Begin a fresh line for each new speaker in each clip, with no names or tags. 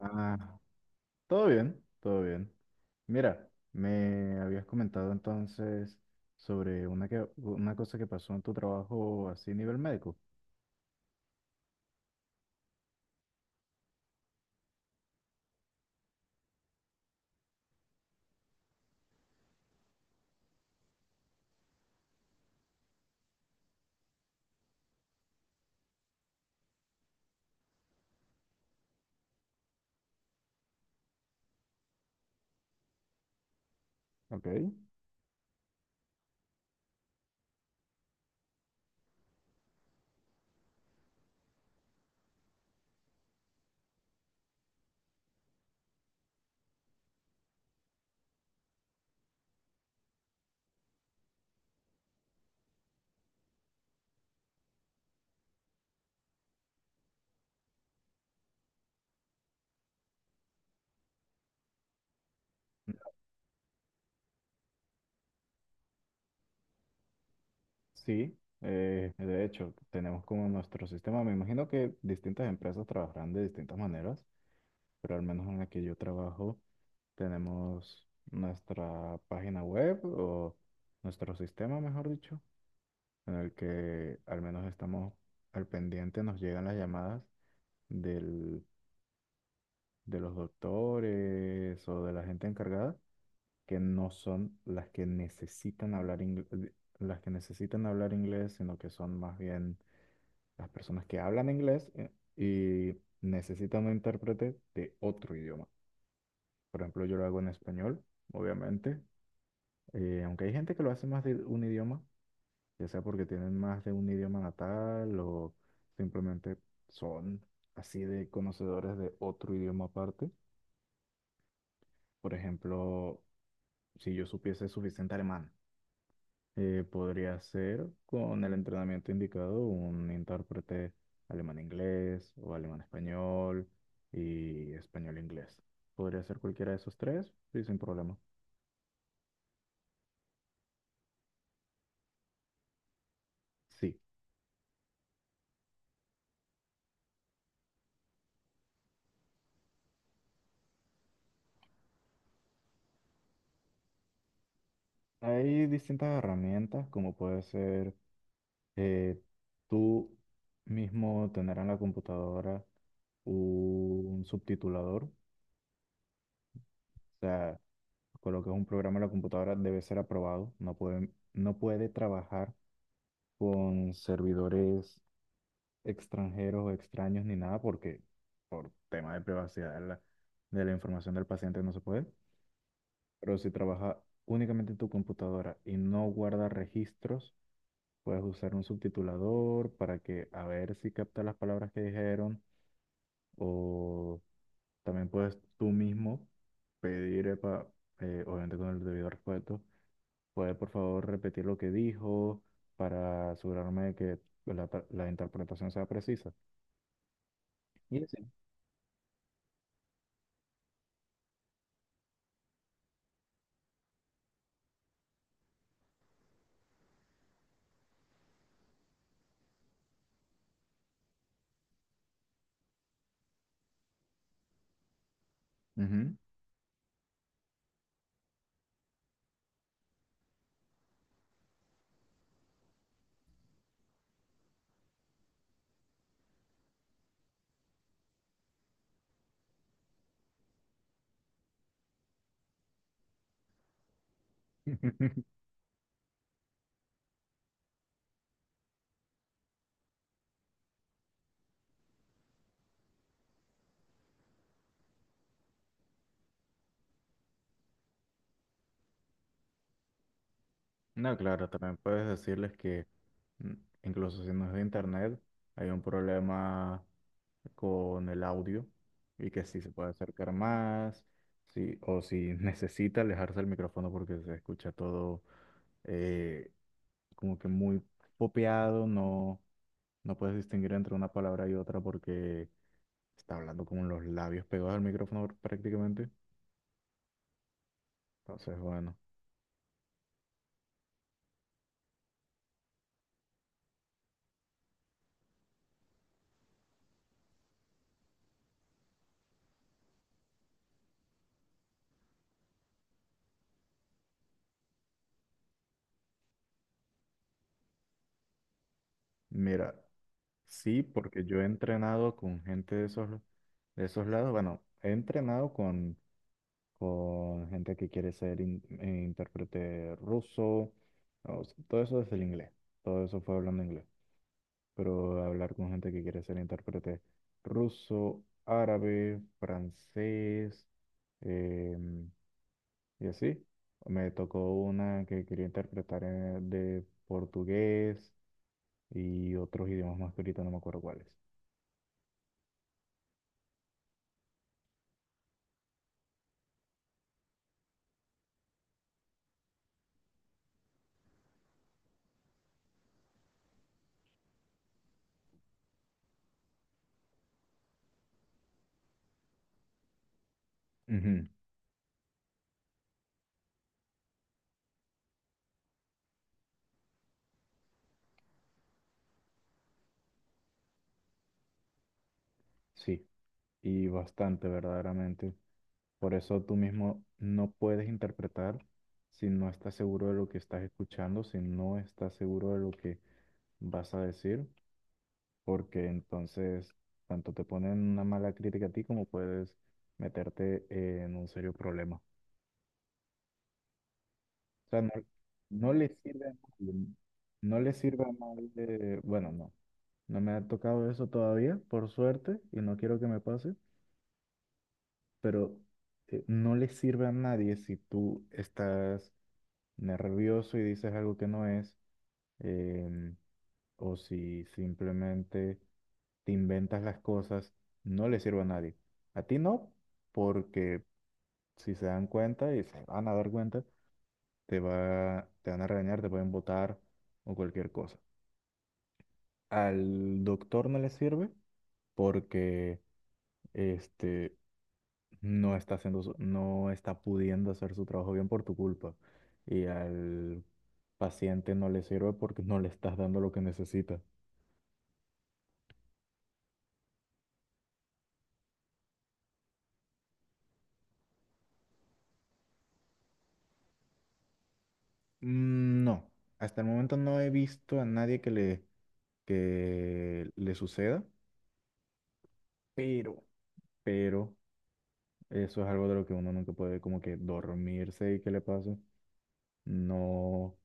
Ah, todo bien, todo bien. Mira, me habías comentado entonces sobre una cosa que pasó en tu trabajo así a nivel médico. Ok. Sí, de hecho, tenemos como nuestro sistema, me imagino que distintas empresas trabajarán de distintas maneras, pero al menos en la que yo trabajo tenemos nuestra página web o nuestro sistema, mejor dicho, en el que al menos estamos al pendiente, nos llegan las llamadas del- de los doctores o de la gente encargada que no son las que necesitan hablar inglés, las que necesitan hablar inglés, sino que son más bien las personas que hablan inglés y necesitan un intérprete de otro idioma. Por ejemplo, yo lo hago en español, obviamente, aunque hay gente que lo hace más de un idioma, ya sea porque tienen más de un idioma natal o simplemente son así de conocedores de otro idioma aparte. Por ejemplo, si yo supiese suficiente alemán, podría ser con el entrenamiento indicado un intérprete alemán-inglés o alemán-español y español-inglés. Podría ser cualquiera de esos tres y sin problema. Sí, hay distintas herramientas como puede ser eh, tú mismo tener en la computadora un subtitulador. O sea, coloques un programa en la computadora, debe ser aprobado. No puede trabajar con servidores extranjeros o extraños ni nada porque por tema de privacidad de la información del paciente no se puede. Pero si trabaja únicamente en tu computadora y no guarda registros, puedes usar un subtitulador para que a ver si capta las palabras que dijeron o también puedes tú mismo pedir, epa, obviamente con el debido respeto, ¿puede por favor repetir lo que dijo para asegurarme de que la interpretación sea precisa? Y así. Ujú. No, claro, también puedes decirles que mm, incluso si no es de internet, hay un problema con el audio y que si se puede acercar más, si, o si necesita alejarse el micrófono porque se escucha todo eh, como que muy popeado, no puedes distinguir entre una palabra y otra porque está hablando con los labios pegados al micrófono prácticamente. Entonces, bueno, mira, sí, porque yo he entrenado con gente de esos lados. Bueno, he entrenado con gente que quiere ser intérprete ruso. O sea, todo eso es el inglés. Todo eso fue hablando inglés. Pero hablar con gente que quiere ser intérprete ruso, árabe, francés, em, y así, me tocó una que quería interpretar de portugués y otros idiomas más que ahorita no me acuerdo cuáles. Ujú. Sí, y bastante verdaderamente. Por eso tú mismo no puedes interpretar si no estás seguro de lo que estás escuchando, si no estás seguro de lo que vas a decir, porque entonces tanto te ponen una mala crítica a ti como puedes meterte en un serio problema. O sea, no, no le sirve mal, no le sirve mal de, bueno, no, no me ha tocado eso todavía, por suerte, y no quiero que me pase, pero no le sirve a nadie si tú estás nervioso y dices algo que no es, em, o si simplemente te inventas las cosas, no le sirve a nadie. A ti no, porque si se dan cuenta y se van a dar cuenta, te van a regañar, te pueden botar o cualquier cosa. Al doctor no le sirve porque este no está haciendo no está pudiendo hacer su trabajo bien por tu culpa. Y al paciente no le sirve porque no le estás dando lo que necesita. Mm, no, hasta el momento no he visto a nadie que le suceda, pero pero eso es algo de lo que uno nunca puede como que dormirse y que le pase. No,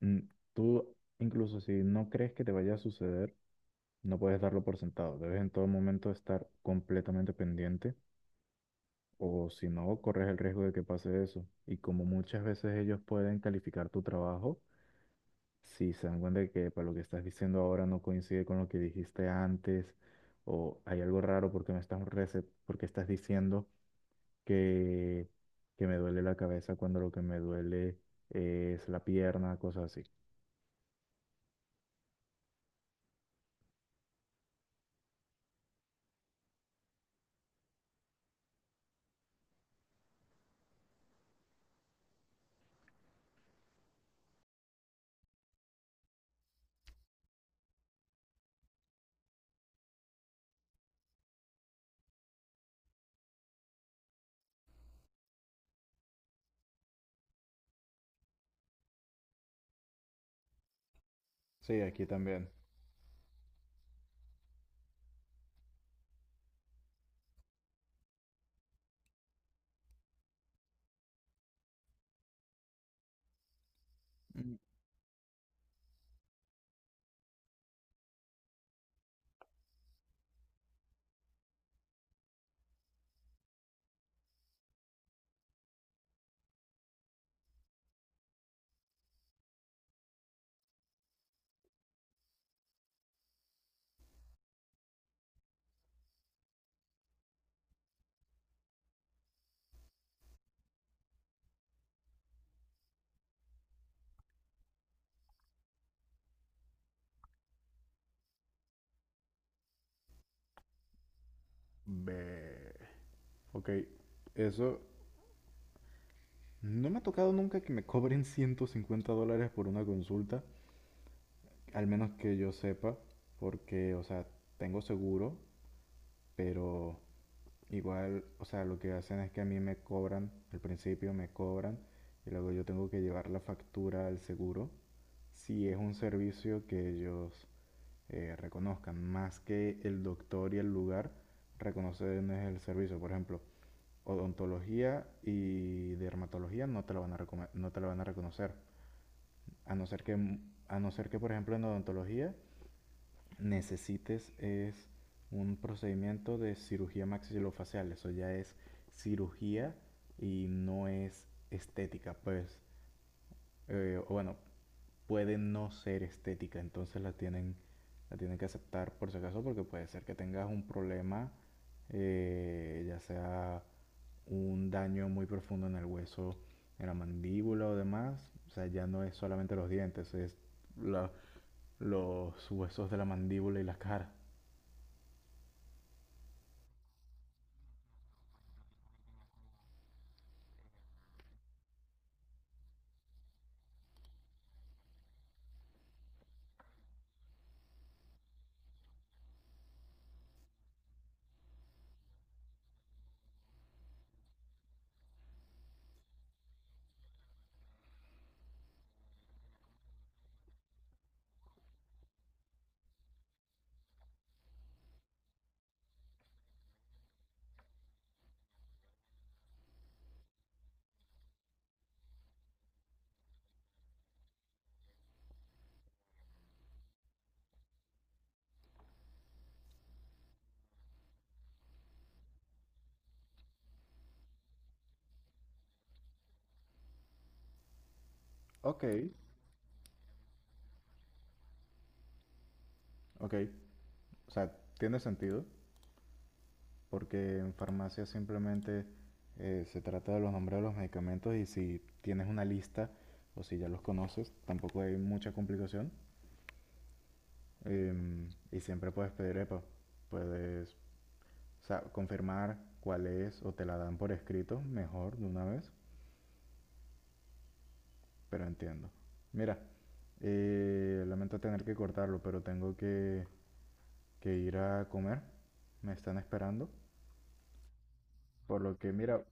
mm, tú incluso si no crees que te vaya a suceder, no puedes darlo por sentado, debes en todo momento estar completamente pendiente o si no, corres el riesgo de que pase eso. Y como muchas veces ellos pueden calificar tu trabajo, si se dan cuenta de que para lo que estás diciendo ahora no coincide con lo que dijiste antes o hay algo raro porque porque estás diciendo que, que me duele la cabeza cuando lo que me duele es la pierna, cosas así. Sí, aquí también. Mm. Ve. Ok, eso no me ha tocado nunca que me cobren $150 por una consulta, al menos que yo sepa, porque, o sea, tengo seguro, pero igual, o sea, lo que hacen es que a mí me cobran, al principio me cobran, y luego yo tengo que llevar la factura al seguro, si es un servicio que ellos reconozcan, más que el doctor y el lugar reconocen es el servicio, por ejemplo. Odontología y dermatología no te lo van a reconocer. A no ser que, mm, a no ser que por ejemplo, en odontología necesites es un procedimiento de cirugía maxilofacial. Eso ya es cirugía y no es estética, pues, bueno, puede no ser estética, entonces la tienen que aceptar por si acaso porque puede ser que tengas un problema, ya sea un daño muy profundo en el hueso, en la mandíbula o demás, o sea, ya no es solamente los dientes, es la, los huesos de la mandíbula y la cara. Ok. Ok, o sea, tiene sentido, porque en farmacia simplemente se trata de los nombres de los medicamentos y si tienes una lista o si ya los conoces, tampoco hay mucha complicación. Y siempre puedes pedir epa, puedes o sea, confirmar cuál es o te la dan por escrito, mejor de una vez, pero entiendo. Mira, lamento tener que cortarlo, pero tengo que ir a comer. Me están esperando. Por lo que, mira,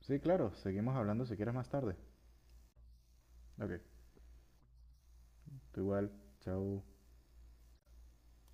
sí, claro, seguimos hablando si quieres más tarde. Ok, tú igual, chao.